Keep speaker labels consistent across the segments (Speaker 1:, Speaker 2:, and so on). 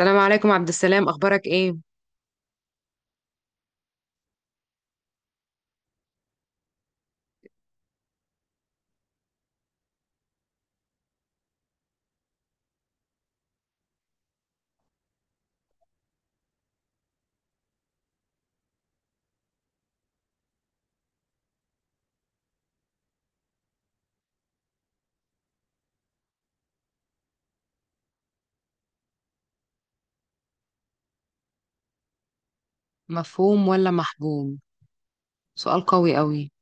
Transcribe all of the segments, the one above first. Speaker 1: السلام عليكم عبد السلام، اخبارك ايه؟ مفهوم ولا محبوم؟ سؤال قوي قوي.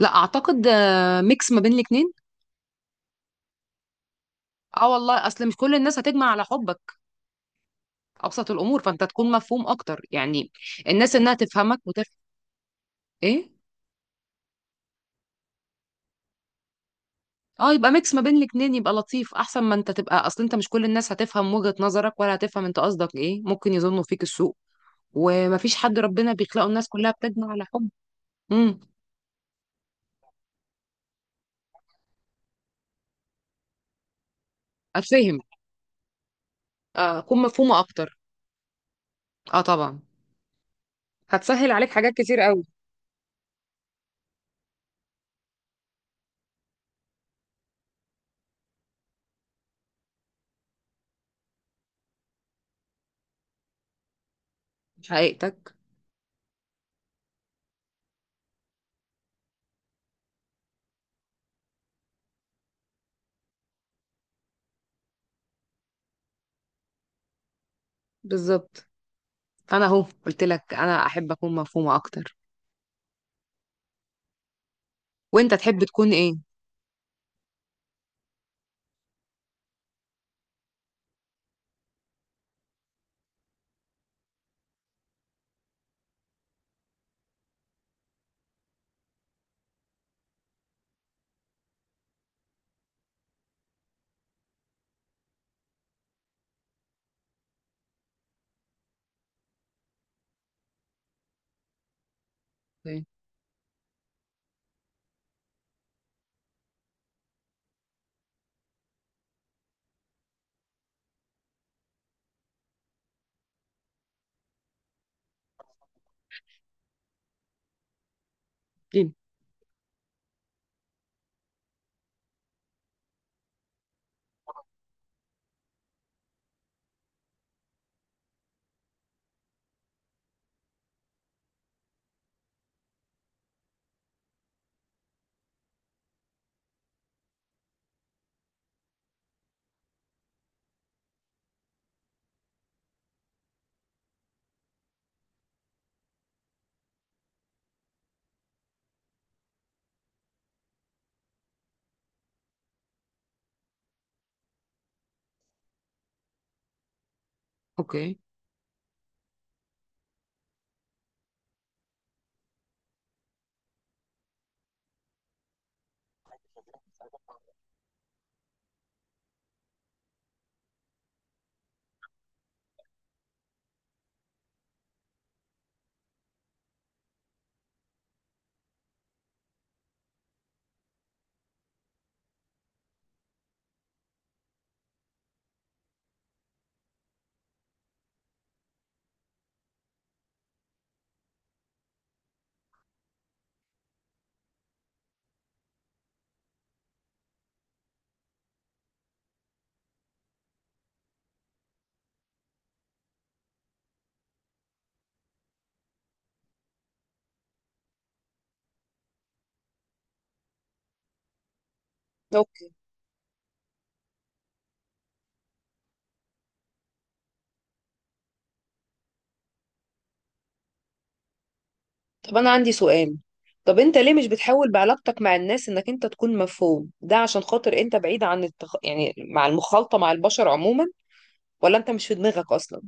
Speaker 1: لا اعتقد، ميكس ما بين الاتنين. اه والله، اصل مش كل الناس هتجمع على حبك. ابسط الامور فانت تكون مفهوم اكتر يعني. الناس انها تفهمك. ايه. اه، يبقى ميكس ما بين الاتنين يبقى لطيف، احسن ما انت تبقى اصل انت مش كل الناس هتفهم وجهة نظرك ولا هتفهم انت قصدك ايه، ممكن يظنوا فيك السوء. ومفيش حد ربنا بيخلقه الناس كلها بتجمع على حب. امم. اتفهم. آه، اكون مفهومة اكتر. اه طبعا، هتسهل عليك حاجات كتير قوي. في حقيقتك. بالظبط، انا اهو قلت لك انا احب اكون مفهومة اكتر. وانت تحب تكون ايه؟ اوكي. اوكي. طب انا عندي سؤال. طب انت ليه مش بتحاول بعلاقتك مع الناس انك انت تكون مفهوم؟ ده عشان خاطر انت بعيد عن يعني مع المخالطة مع البشر عموما؟ ولا انت مش في دماغك اصلا؟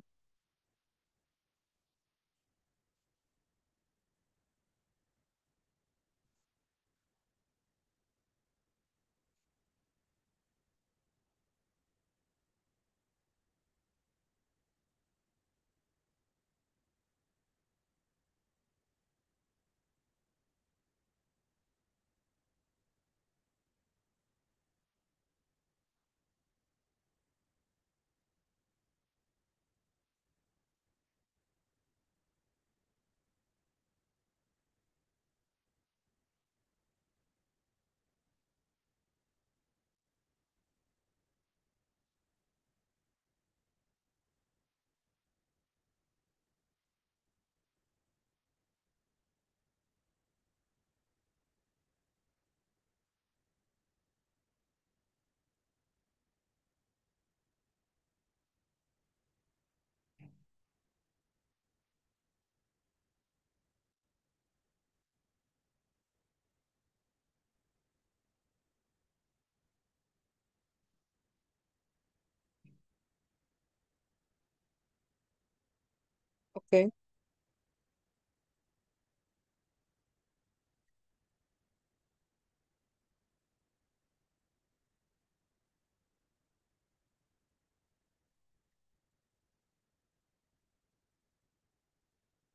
Speaker 1: اوكي.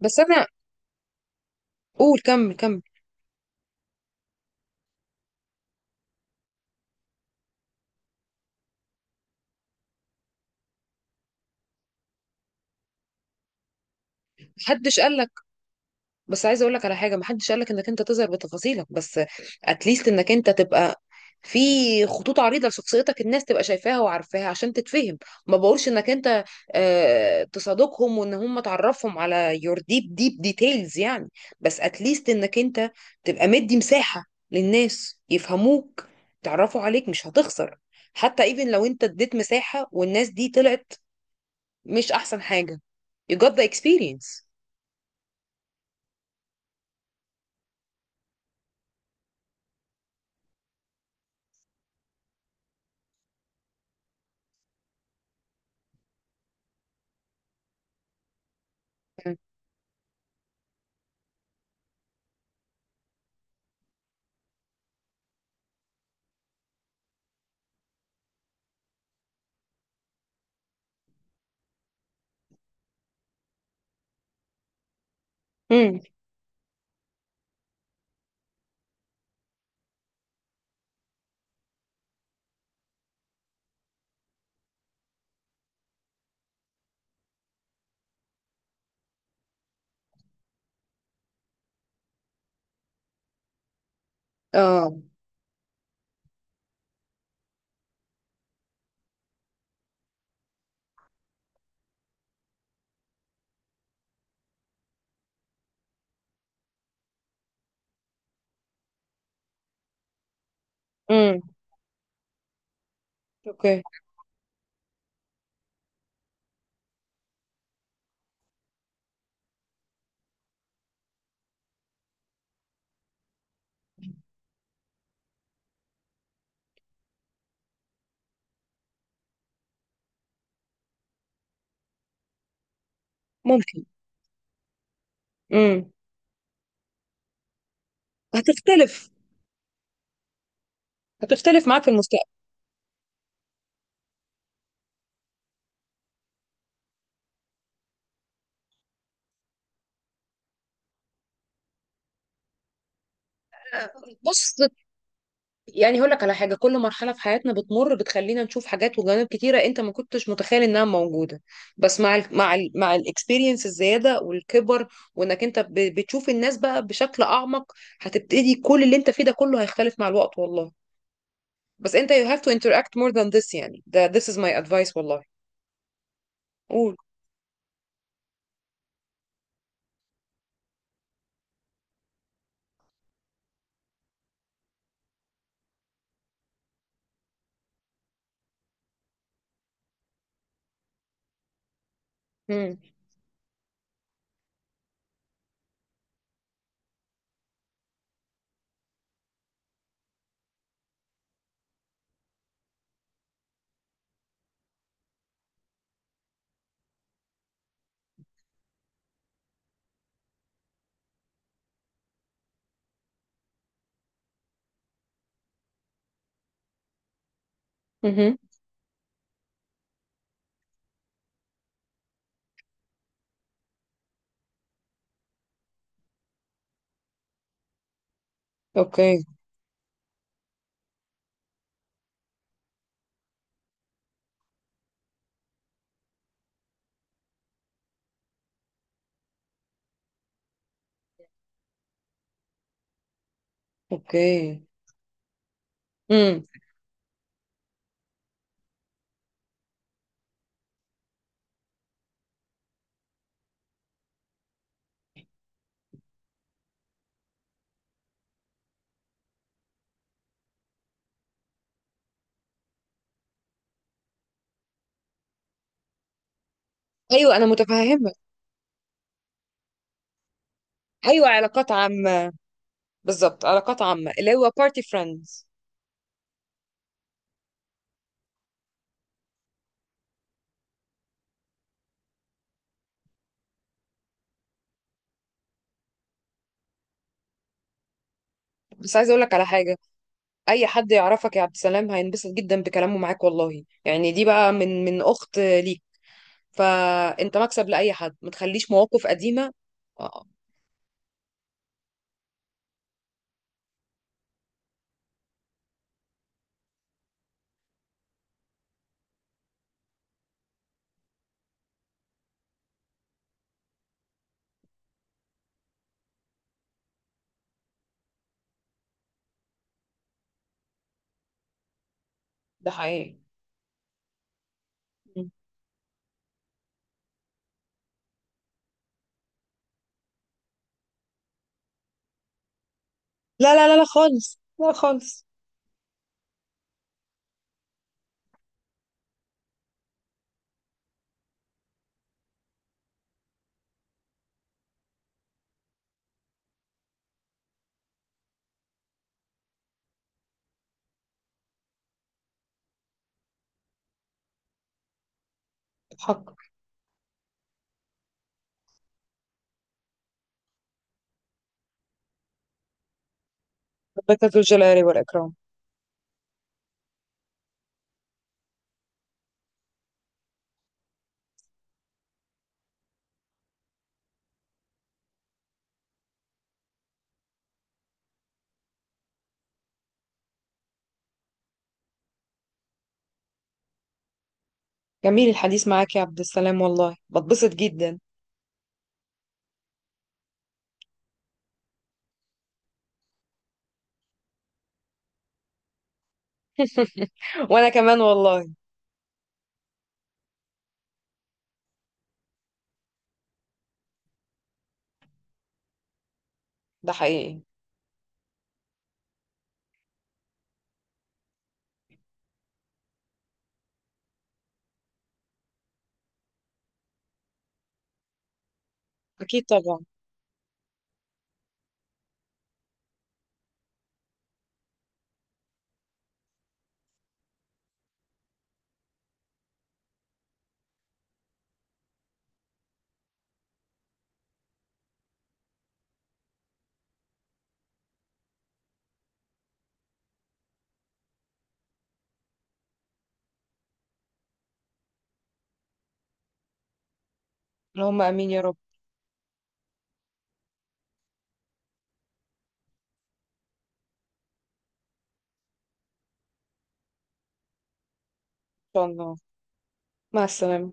Speaker 1: بس انا. قول كمل كمل. محدش قال. بس عايزه اقول لك على حاجه، محدش قال لك انك انت تظهر بتفاصيلك، بس اتليست انك انت تبقى في خطوط عريضه لشخصيتك، الناس تبقى شايفاها وعارفاها عشان تتفهم. ما بقولش انك انت تصادقهم وان هم تعرفهم على يور ديب ديب ديتيلز يعني، بس اتليست انك انت تبقى مدي مساحه للناس يفهموك، تعرفوا عليك، مش هتخسر. حتى ايفن لو انت اديت مساحه والناس دي طلعت، مش احسن حاجه؟ you got the experience. امم. اه. اوكي. ممكن. امم. هتختلف هتختلف معاك في المستقبل. بص، يعني هقول لك على حاجه، كل مرحله في حياتنا بتمر بتخلينا نشوف حاجات وجوانب كتيره انت ما كنتش متخيل انها موجوده. بس مع ال مع ال مع الاكسبيرينس الزياده والكبر، وانك انت بتشوف الناس بقى بشكل اعمق، هتبتدي كل اللي انت فيه ده كله هيختلف مع الوقت والله. بس انت you have to interact more than this يعني، ده this is my advice والله. قول. امم. امم. اوكي. اوكي. امم. ايوه انا متفهمه. ايوه، علاقات عامه. بالظبط، علاقات عامه اللي هو بارتي فريندز. بس عايزه اقول لك على حاجه، اي حد يعرفك يا عبد السلام هينبسط جدا بكلامه معاك والله، يعني دي بقى من اخت ليك. فانت مكسب لاي حد، ما تخليش مواقف قديمه. آه، ده حقيقي. م. لا لا لا لا خالص، لا خالص. حق. ربك ذو الجلال والاكرام. جميل الحديث معاك يا عبد السلام والله، بتبسط جدا. وانا كمان والله. ده حقيقي. اكيد طبعا. اللهم امين يا رب. ان شاء الله. مع السلامه.